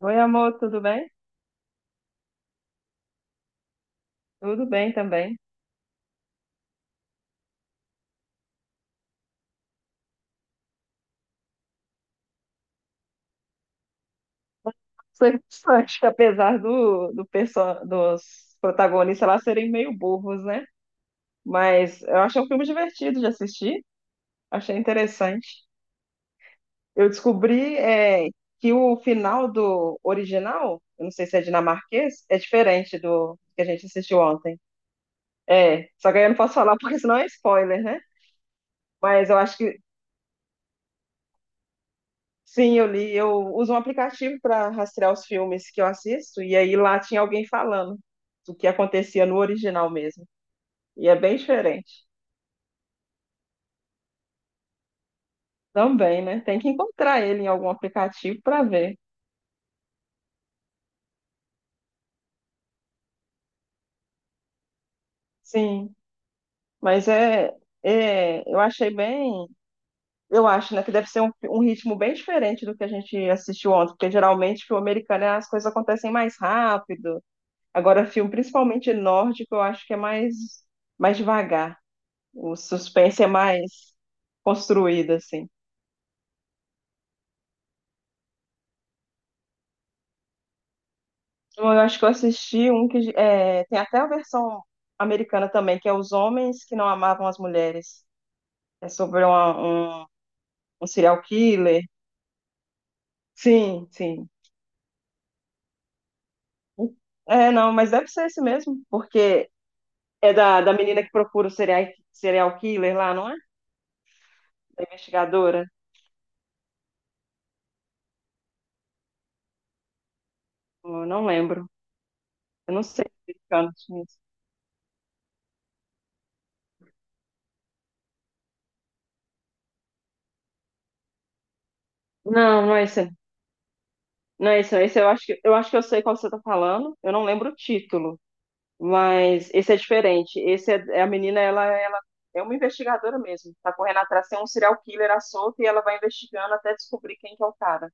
Oi, amor, tudo bem? Tudo bem também. Sou Interessante, apesar do dos protagonistas lá serem meio burros, né? Mas eu achei um filme divertido de assistir, achei interessante. Eu descobri que o final do original, eu não sei se é dinamarquês, é diferente do que a gente assistiu ontem. É, só que aí eu não posso falar porque senão é spoiler, né? Mas eu acho que sim, eu li. Eu uso um aplicativo para rastrear os filmes que eu assisto, e aí lá tinha alguém falando do que acontecia no original mesmo. E é bem diferente. Também, né? Tem que encontrar ele em algum aplicativo para ver. Sim, mas é, é. Eu achei bem. Eu acho, né, que deve ser um ritmo bem diferente do que a gente assistiu ontem, porque geralmente filme americano as coisas acontecem mais rápido. Agora, filme, principalmente nórdico, eu acho que é mais devagar. O suspense é mais construída, assim. Eu acho que eu assisti um que é, tem até a versão americana também, que é Os Homens que Não Amavam as Mulheres. É sobre um, um serial killer. Sim, sim. É, não, mas deve ser esse mesmo, porque é da menina que procura o serial killer lá, não é? Da investigadora. Eu não lembro. Eu não sei se é americano tinha isso. Não, não é esse. Não é esse, não. Esse eu acho que eu sei qual você está falando. Eu não lembro o título. Mas esse é diferente. Esse é a menina, ela é uma investigadora mesmo. Tá correndo atrás, tem um serial killer à solta e ela vai investigando até descobrir quem que é o cara.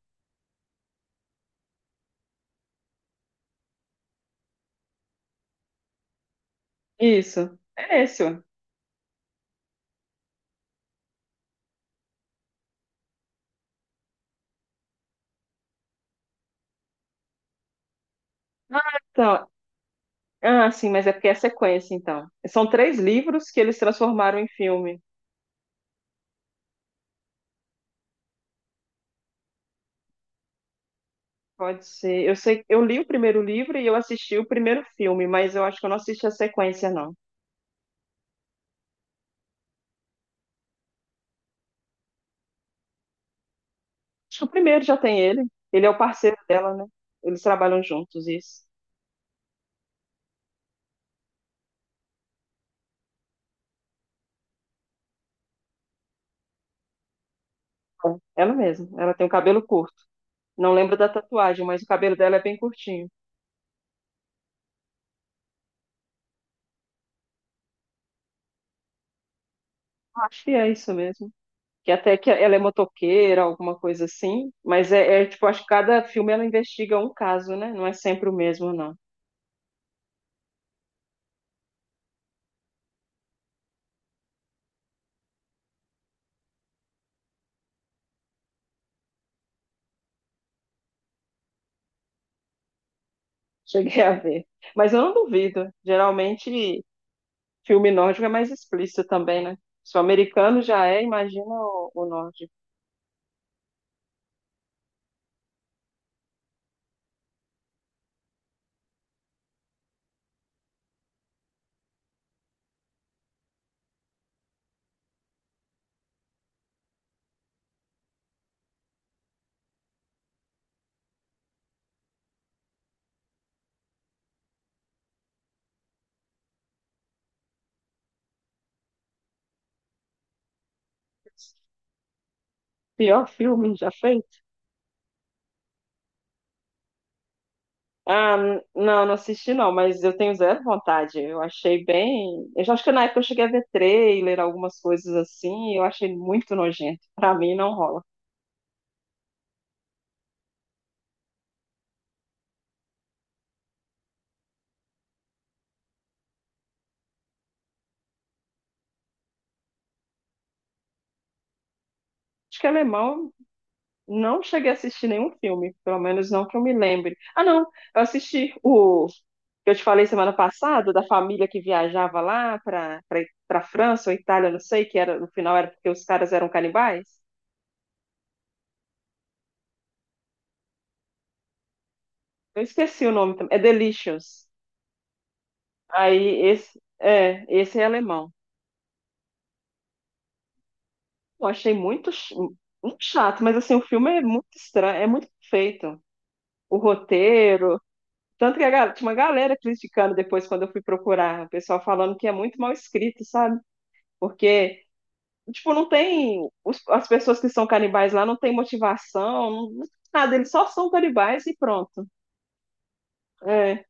Isso. É esse. Ó. Ah, então. Ah, sim, mas é porque é sequência, então. São três livros que eles transformaram em filme. Pode ser. Eu sei, eu li o primeiro livro e eu assisti o primeiro filme, mas eu acho que eu não assisti a sequência, não. Acho que o primeiro já tem ele. Ele é o parceiro dela, né? Eles trabalham juntos, isso. É, ela mesma. Ela tem o cabelo curto. Não lembro da tatuagem, mas o cabelo dela é bem curtinho. Acho que é isso mesmo. Que até que ela é motoqueira, alguma coisa assim. Mas é, tipo, acho que cada filme ela investiga um caso, né? Não é sempre o mesmo, não. Cheguei a ver. Mas eu não duvido. Geralmente, filme nórdico é mais explícito também, né? Se o americano já é, imagina o nórdico. Pior filme já fez. Ah, não, não assisti não, mas eu tenho zero vontade. Eu achei bem. Eu já acho que na época eu cheguei a ver trailer, algumas coisas assim, e eu achei muito nojento. Pra mim não rola. Acho que alemão eu não cheguei a assistir nenhum filme, pelo menos não que eu me lembre. Ah, não, eu assisti o que eu te falei semana passada, da família que viajava lá pra para para França ou Itália, não sei, que era no final era porque os caras eram canibais. Eu esqueci o nome também. É Delicious. Aí esse é alemão. Eu achei muito chato, mas assim, o filme é muito estranho, é muito feito. O roteiro. Tanto que tinha uma galera criticando depois quando eu fui procurar, o pessoal falando que é muito mal escrito, sabe? Porque, tipo, não tem. As pessoas que são canibais lá não tem motivação, não, não tem nada, eles só são canibais e pronto. É,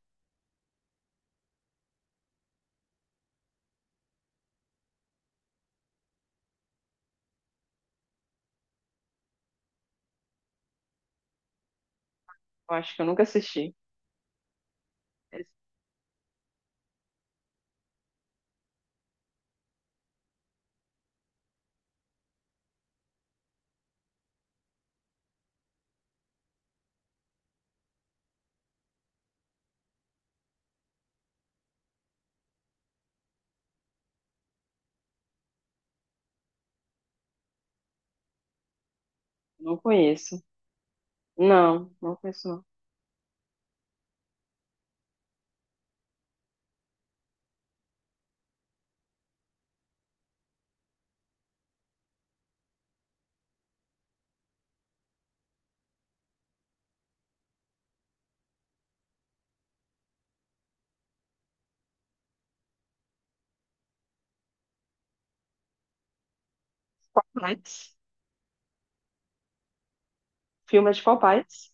eu acho que eu nunca assisti. Esse eu não conheço. Não, não conheço não. Mas, filme é de qual país?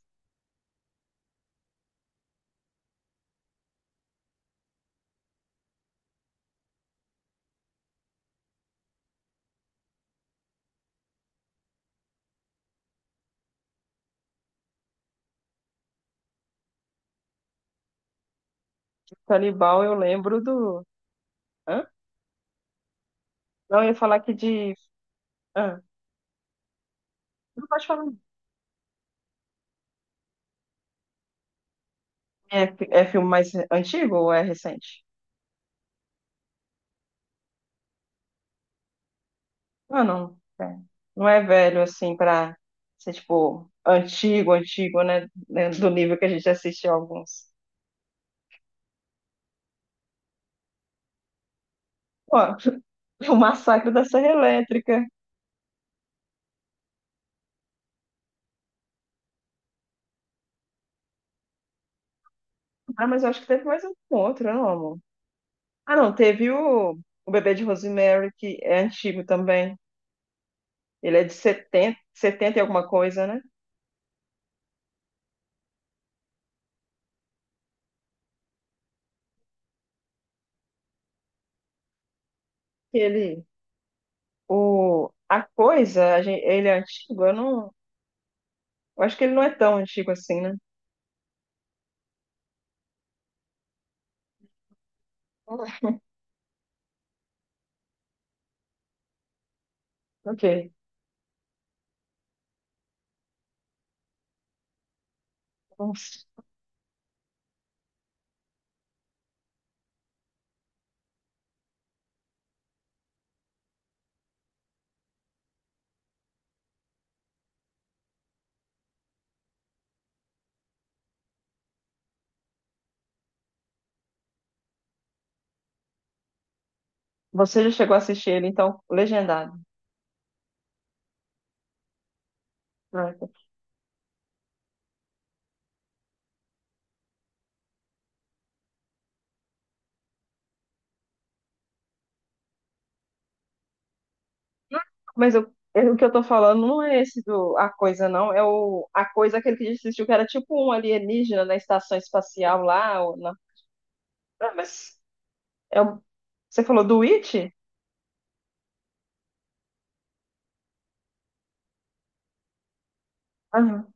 Canibal, eu lembro do. Hã? Não, eu ia falar aqui de. Ah, não pode falar. É, é filme mais antigo ou é recente? Ah, não. É. Não é velho, assim, pra ser, tipo, antigo, antigo, né? Do nível que a gente assiste alguns. Ó, o Massacre da Serra Elétrica. Ah, mas eu acho que teve mais um outro, não, amor? Ah, não, teve o Bebê de Rosemary, que é antigo também. Ele é de 70 e alguma coisa, né? Que ele, o, a coisa, ele é antigo, eu não, eu acho que ele não é tão antigo assim, né? Ok. Nossa. Você já chegou a assistir ele, então, legendado. Pronto. Mas o que eu tô falando não é esse do A Coisa, não. É o A Coisa, aquele que a gente assistiu, que era tipo um alienígena na estação espacial lá. Ou na. Ah, mas é o- você falou do It? Ah, não.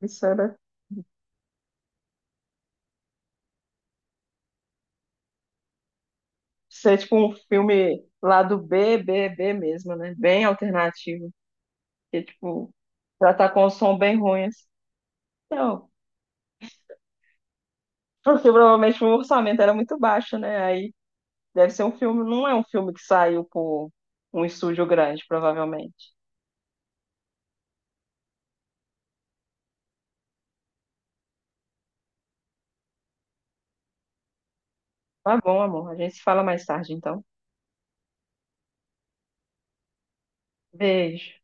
Isso era. Isso é tipo um filme lá do B, B, B mesmo, né? Bem alternativo. Que, tipo, já tá com um som bem ruim, assim. Não, porque provavelmente o orçamento era muito baixo, né? Aí deve ser um filme, não é um filme que saiu por um estúdio grande, provavelmente. Tá bom, amor. A gente se fala mais tarde, então. Beijo.